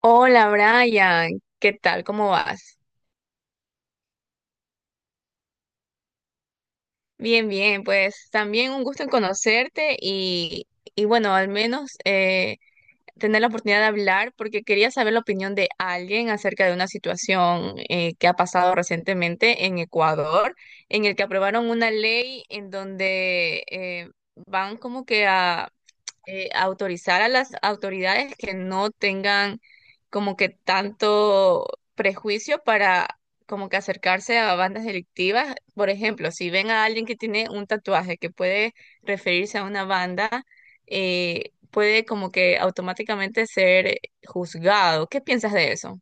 Hola Brian, ¿qué tal? ¿Cómo vas? Bien, bien, pues también un gusto en conocerte y bueno, al menos tener la oportunidad de hablar porque quería saber la opinión de alguien acerca de una situación que ha pasado recientemente en Ecuador, en el que aprobaron una ley en donde van como que a autorizar a las autoridades que no tengan como que tanto prejuicio para como que acercarse a bandas delictivas. Por ejemplo, si ven a alguien que tiene un tatuaje que puede referirse a una banda, puede como que automáticamente ser juzgado. ¿Qué piensas de eso?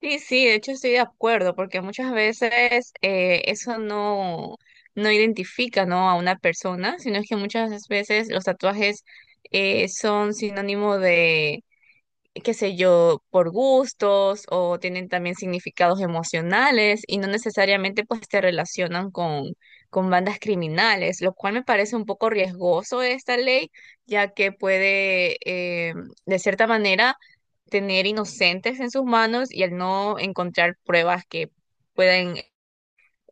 Sí, sí, de hecho estoy de acuerdo, porque muchas veces eso no identifica, ¿no?, a una persona, sino que muchas veces los tatuajes son sinónimo, qué sé yo, por gustos o tienen también significados emocionales y no necesariamente pues te relacionan con bandas criminales, lo cual me parece un poco riesgoso esta ley, ya que puede de cierta manera tener inocentes en sus manos y al no encontrar pruebas que puedan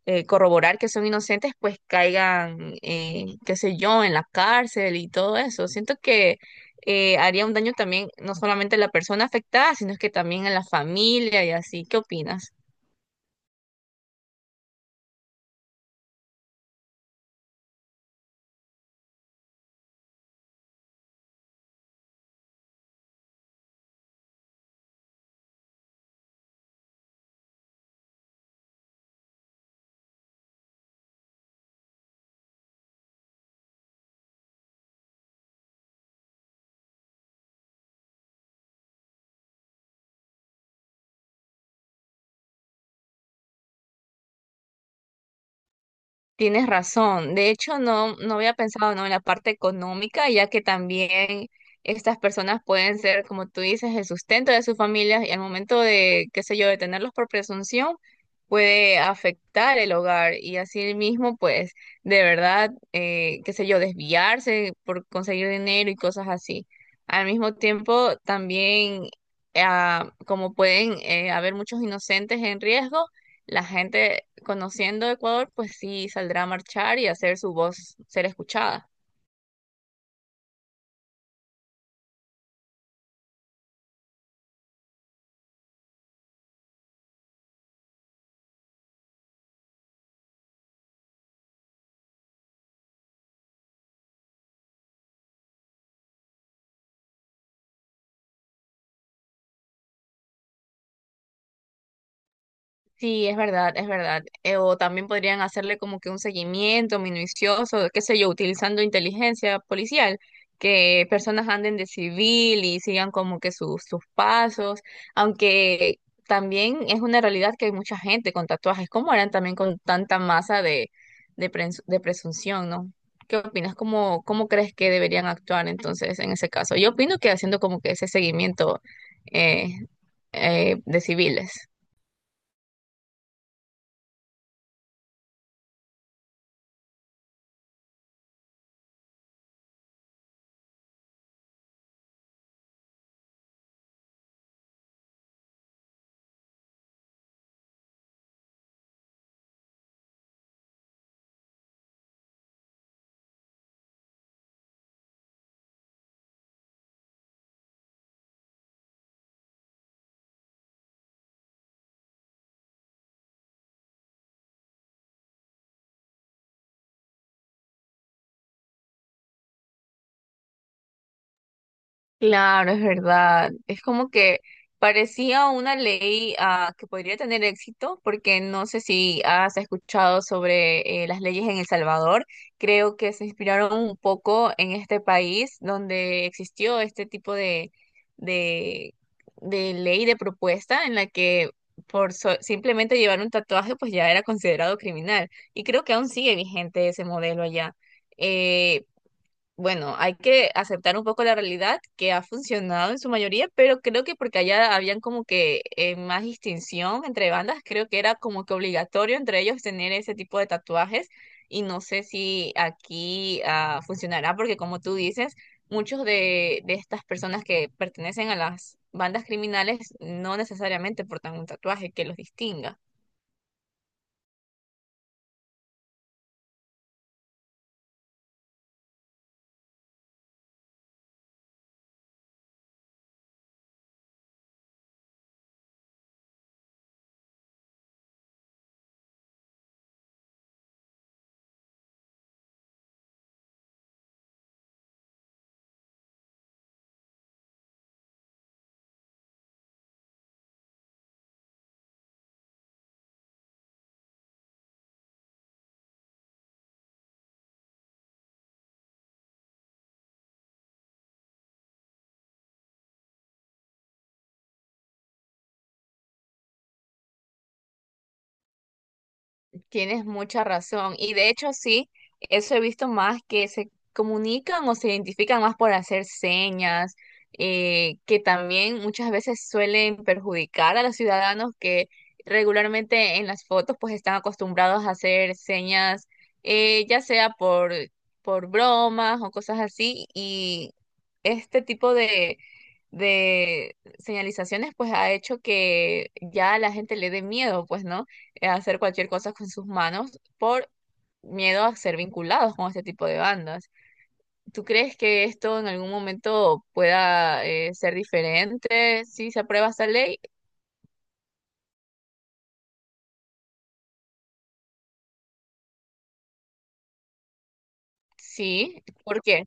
corroborar que son inocentes, pues caigan, qué sé yo, en la cárcel y todo eso. Siento que haría un daño también, no solamente a la persona afectada, sino que también a la familia y así. ¿Qué opinas? Tienes razón. De hecho, no, no había pensado, ¿no?, en la parte económica, ya que también estas personas pueden ser, como tú dices, el sustento de sus familias y al momento de, qué sé yo, de tenerlos por presunción, puede afectar el hogar y así mismo, pues, de verdad, qué sé yo, desviarse por conseguir dinero y cosas así. Al mismo tiempo, también, ah, como pueden haber muchos inocentes en riesgo, la gente conociendo Ecuador, pues sí saldrá a marchar y hacer su voz ser escuchada. Sí, es verdad, es verdad. O también podrían hacerle como que un seguimiento minucioso, qué sé yo, utilizando inteligencia policial, que personas anden de civil y sigan como que sus pasos, aunque también es una realidad que hay mucha gente con tatuajes, como eran también con tanta masa de presunción, ¿no? ¿Qué opinas? ¿Cómo, cómo crees que deberían actuar entonces en ese caso? Yo opino que haciendo como que ese seguimiento eh, de civiles. Claro, es verdad. Es como que parecía una ley ah, que podría tener éxito, porque no sé si has escuchado sobre las leyes en El Salvador. Creo que se inspiraron un poco en este país donde existió este tipo de, de ley, de propuesta en la que simplemente llevar un tatuaje pues ya era considerado criminal. Y creo que aún sigue vigente ese modelo allá. Eh, bueno, hay que aceptar un poco la realidad que ha funcionado en su mayoría, pero creo que porque allá habían como que más distinción entre bandas, creo que era como que obligatorio entre ellos tener ese tipo de tatuajes y no sé si aquí ah, funcionará porque como tú dices, muchos de estas personas que pertenecen a las bandas criminales no necesariamente portan un tatuaje que los distinga. Tienes mucha razón. Y de hecho, sí, eso he visto más, que se comunican o se identifican más por hacer señas, que también muchas veces suelen perjudicar a los ciudadanos que regularmente en las fotos pues están acostumbrados a hacer señas, ya sea por bromas o cosas así. Y este tipo de señalizaciones pues ha hecho que ya a la gente le dé miedo, pues, ¿no? Hacer cualquier cosa con sus manos por miedo a ser vinculados con este tipo de bandas. ¿Tú crees que esto en algún momento pueda ser diferente si se aprueba esta ley? Sí, ¿por qué?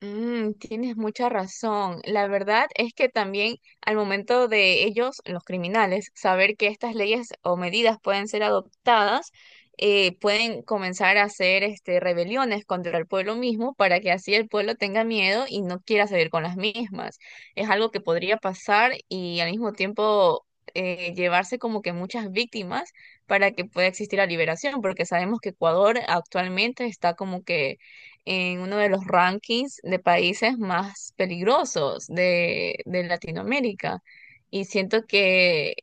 Mm, tienes mucha razón. La verdad es que también al momento de ellos, los criminales, saber que estas leyes o medidas pueden ser adoptadas, pueden comenzar a hacer este, rebeliones contra el pueblo mismo para que así el pueblo tenga miedo y no quiera salir con las mismas. Es algo que podría pasar y al mismo tiempo llevarse como que muchas víctimas para que pueda existir la liberación, porque sabemos que Ecuador actualmente está como que en uno de los rankings de países más peligrosos de Latinoamérica. Y siento que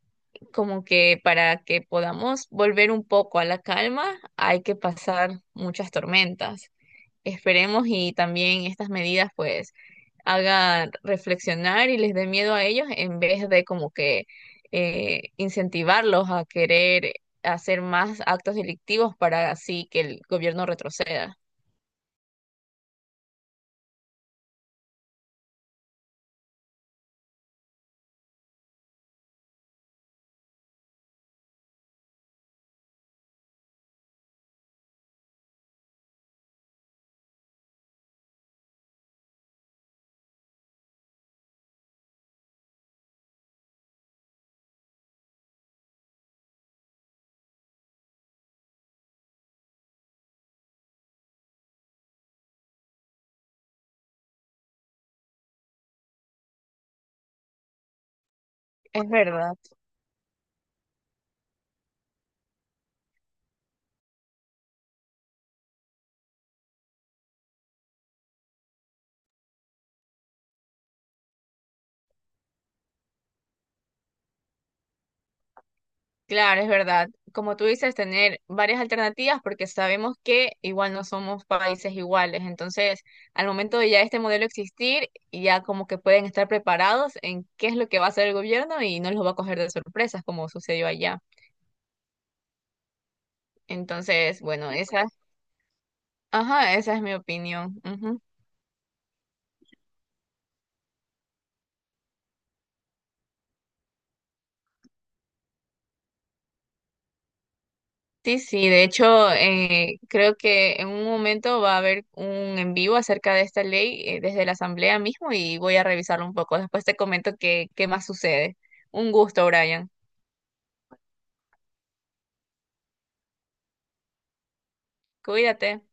como que para que podamos volver un poco a la calma hay que pasar muchas tormentas. Esperemos y también estas medidas pues hagan reflexionar y les dé miedo a ellos en vez de como que incentivarlos a querer hacer más actos delictivos para así que el gobierno retroceda. Es verdad. Claro, es verdad. Como tú dices, tener varias alternativas porque sabemos que igual no somos países iguales. Entonces, al momento de ya este modelo existir, ya como que pueden estar preparados en qué es lo que va a hacer el gobierno y no los va a coger de sorpresas como sucedió allá. Entonces, bueno, esa, ajá, esa es mi opinión. Ujú. Sí, sí, de hecho, creo que en un momento va a haber un en vivo acerca de esta ley desde la Asamblea mismo y voy a revisarlo un poco. Después te comento qué, qué más sucede. Un gusto, Brian. Cuídate.